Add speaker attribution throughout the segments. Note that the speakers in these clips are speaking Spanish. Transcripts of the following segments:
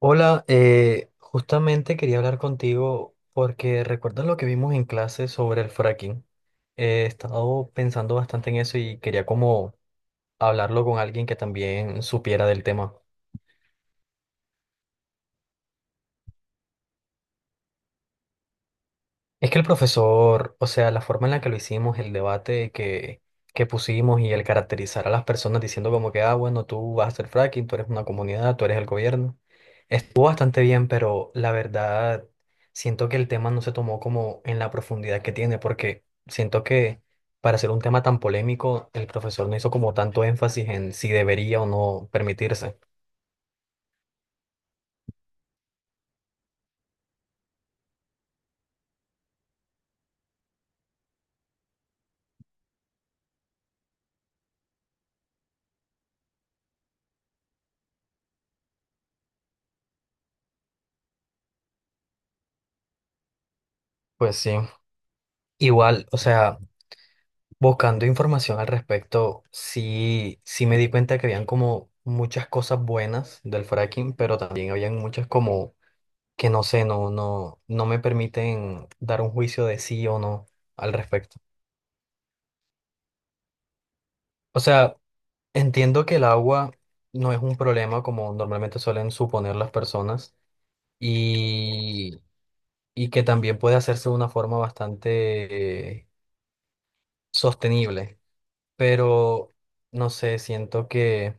Speaker 1: Hola, justamente quería hablar contigo porque recuerdas lo que vimos en clase sobre el fracking. He estado pensando bastante en eso y quería como hablarlo con alguien que también supiera del tema. Es que el profesor, o sea, la forma en la que lo hicimos, el debate que pusimos y el caracterizar a las personas diciendo como que, ah, bueno, tú vas a hacer fracking, tú eres una comunidad, tú eres el gobierno, estuvo bastante bien, pero la verdad siento que el tema no se tomó como en la profundidad que tiene, porque siento que para ser un tema tan polémico, el profesor no hizo como tanto énfasis en si debería o no permitirse. Pues sí. Igual, o sea, buscando información al respecto, sí, sí me di cuenta que habían como muchas cosas buenas del fracking, pero también habían muchas como que no sé, no me permiten dar un juicio de sí o no al respecto. O sea, entiendo que el agua no es un problema como normalmente suelen suponer las personas y, y que también puede hacerse de una forma bastante sostenible, pero no sé, siento que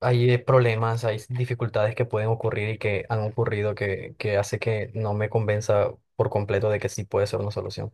Speaker 1: hay problemas, hay dificultades que pueden ocurrir y que han ocurrido que hace que no me convenza por completo de que sí puede ser una solución.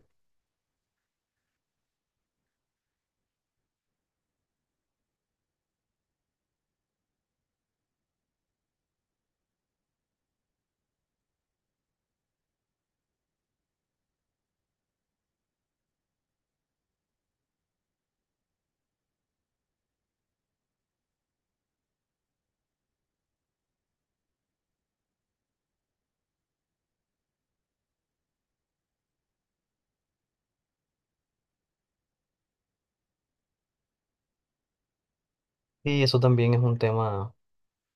Speaker 1: Y eso también es un tema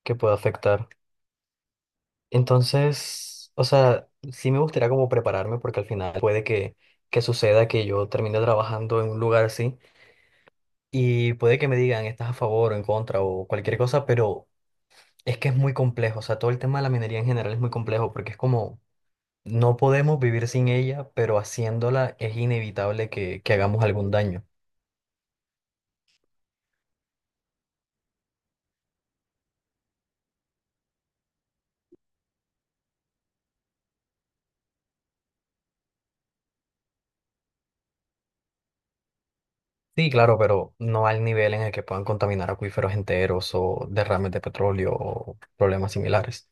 Speaker 1: que puede afectar. Entonces, o sea, sí me gustaría como prepararme porque al final puede que suceda que yo termine trabajando en un lugar así y puede que me digan estás a favor o en contra o cualquier cosa, pero es que es muy complejo. O sea, todo el tema de la minería en general es muy complejo porque es como no podemos vivir sin ella, pero haciéndola es inevitable que hagamos algún daño. Sí, claro, pero no al nivel en el que puedan contaminar acuíferos enteros o derrames de petróleo o problemas similares.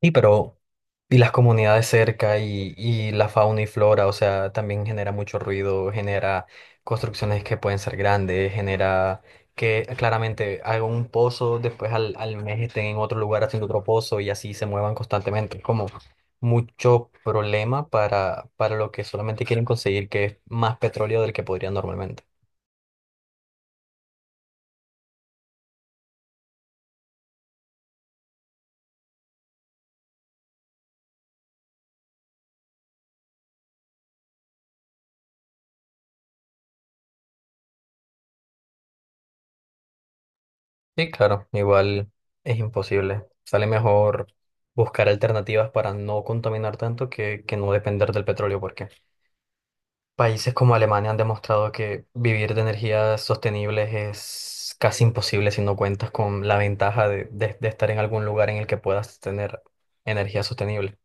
Speaker 1: Y pero, y las comunidades cerca y la fauna y flora, o sea, también genera mucho ruido, genera construcciones que pueden ser grandes, genera que claramente hagan un pozo, después al mes estén en otro lugar haciendo otro pozo y así se muevan constantemente. Es como mucho problema para lo que solamente quieren conseguir, que es más petróleo del que podrían normalmente. Sí, claro, igual es imposible. Sale mejor buscar alternativas para no contaminar tanto que no depender del petróleo, porque países como Alemania han demostrado que vivir de energías sostenibles es casi imposible si no cuentas con la ventaja de estar en algún lugar en el que puedas tener energía sostenible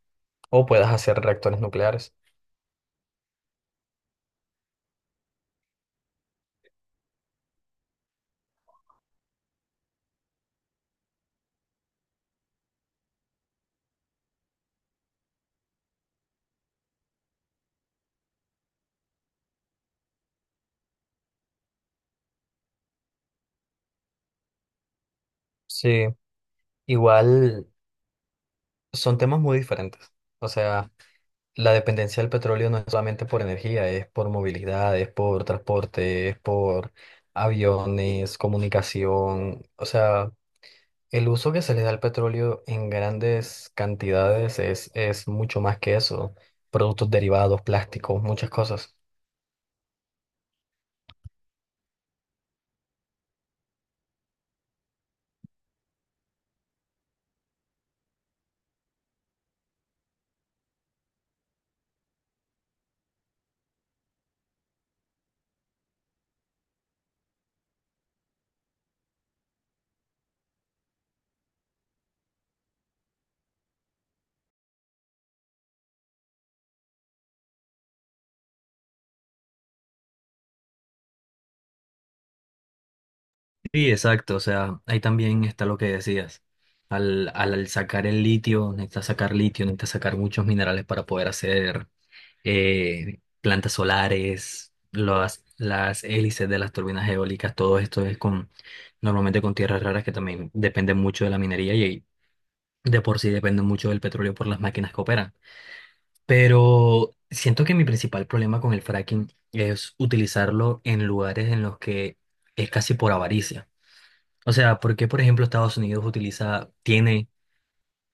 Speaker 1: o puedas hacer reactores nucleares. Sí, igual son temas muy diferentes. O sea, la dependencia del petróleo no es solamente por energía, es por movilidad, es por transporte, es por aviones, comunicación. O sea, el uso que se le da al petróleo en grandes cantidades es mucho más que eso. Productos derivados, plásticos, muchas cosas. Sí, exacto. O sea, ahí también está lo que decías. Al sacar el litio, necesitas sacar muchos minerales para poder hacer plantas solares, las hélices de las turbinas eólicas, todo esto es con normalmente con tierras raras que también dependen mucho de la minería y de por sí dependen mucho del petróleo por las máquinas que operan. Pero siento que mi principal problema con el fracking es utilizarlo en lugares en los que es casi por avaricia. O sea, ¿por qué, por ejemplo, Estados Unidos utiliza, tiene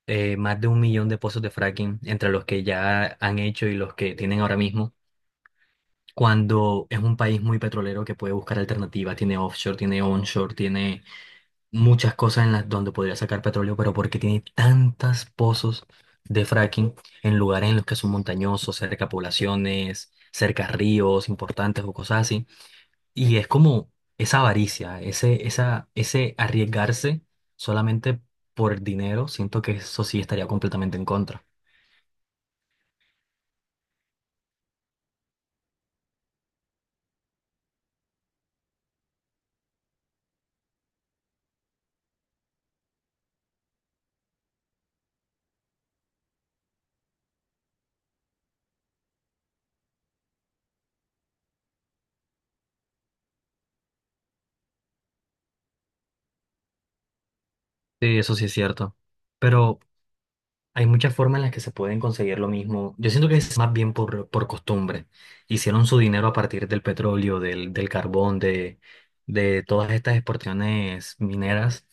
Speaker 1: más de un millón de pozos de fracking entre los que ya han hecho y los que tienen ahora mismo, cuando es un país muy petrolero que puede buscar alternativas, tiene offshore, tiene onshore, tiene muchas cosas en las donde podría sacar petróleo, pero porque tiene tantos pozos de fracking en lugares en los que son montañosos, cerca a poblaciones, cerca a ríos importantes o cosas así? Y es como esa avaricia, ese arriesgarse solamente por dinero, siento que eso sí estaría completamente en contra. Sí, eso sí es cierto. Pero hay muchas formas en las que se pueden conseguir lo mismo. Yo siento que es más bien por costumbre. Hicieron su dinero a partir del petróleo, del carbón, de todas estas exportaciones mineras.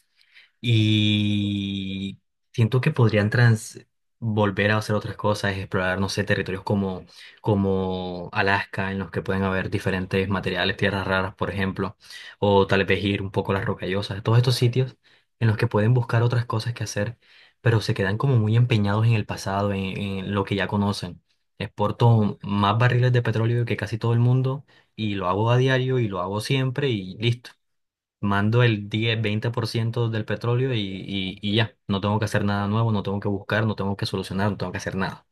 Speaker 1: Y siento que podrían trans volver a hacer otras cosas, explorar, no sé, territorios como, como Alaska, en los que pueden haber diferentes materiales, tierras raras, por ejemplo, o tal vez ir un poco a las rocallosas, todos estos sitios en los que pueden buscar otras cosas que hacer, pero se quedan como muy empeñados en el pasado, en lo que ya conocen. Exporto más barriles de petróleo que casi todo el mundo y lo hago a diario y lo hago siempre y listo. Mando el 10-20% del petróleo y ya, no tengo que hacer nada nuevo, no tengo que buscar, no tengo que solucionar, no tengo que hacer nada.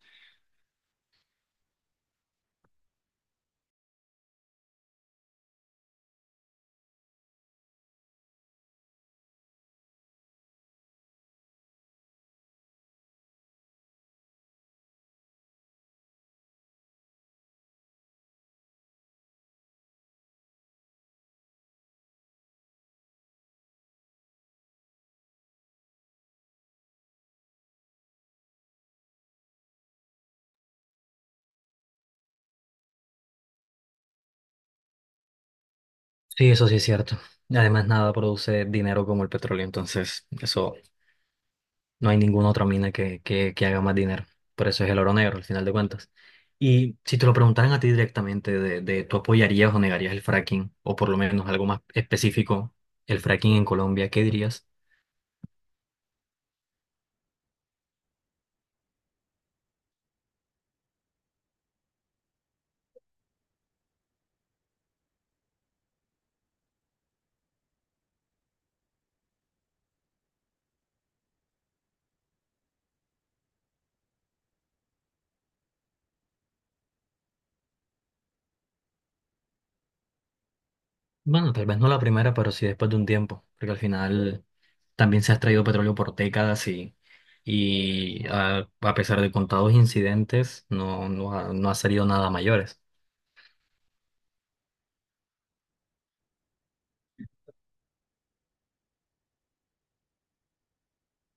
Speaker 1: Sí, eso sí es cierto. Además, nada produce dinero como el petróleo, entonces eso no hay ninguna otra mina que haga más dinero. Por eso es el oro negro, al final de cuentas. Y si te lo preguntaran a ti directamente de tú apoyarías o negarías el fracking, o por lo menos algo más específico, el fracking en Colombia, ¿qué dirías? Bueno, tal vez no la primera, pero sí después de un tiempo, porque al final también se ha extraído petróleo por décadas y, a pesar de contados incidentes, no ha salido nada mayores.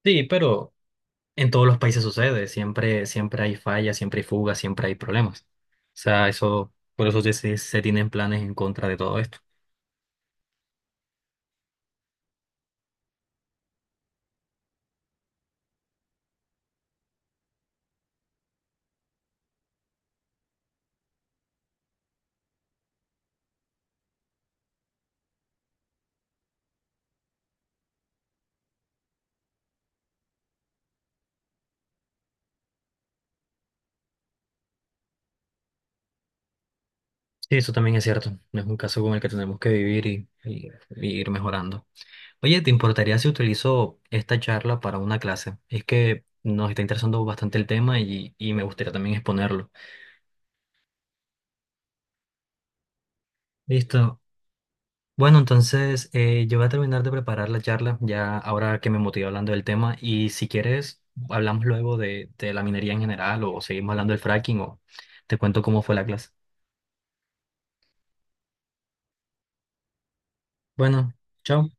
Speaker 1: Sí, pero en todos los países sucede, siempre, siempre hay fallas, siempre hay fugas, siempre hay problemas. O sea, eso, por eso se tienen planes en contra de todo esto. Sí, eso también es cierto. No es un caso con el que tenemos que vivir y ir mejorando. Oye, ¿te importaría si utilizo esta charla para una clase? Es que nos está interesando bastante el tema y me gustaría también exponerlo. Listo. Bueno, entonces yo voy a terminar de preparar la charla ya ahora que me motivé hablando del tema y si quieres hablamos luego de la minería en general o seguimos hablando del fracking o te cuento cómo fue la clase. Bueno, chao.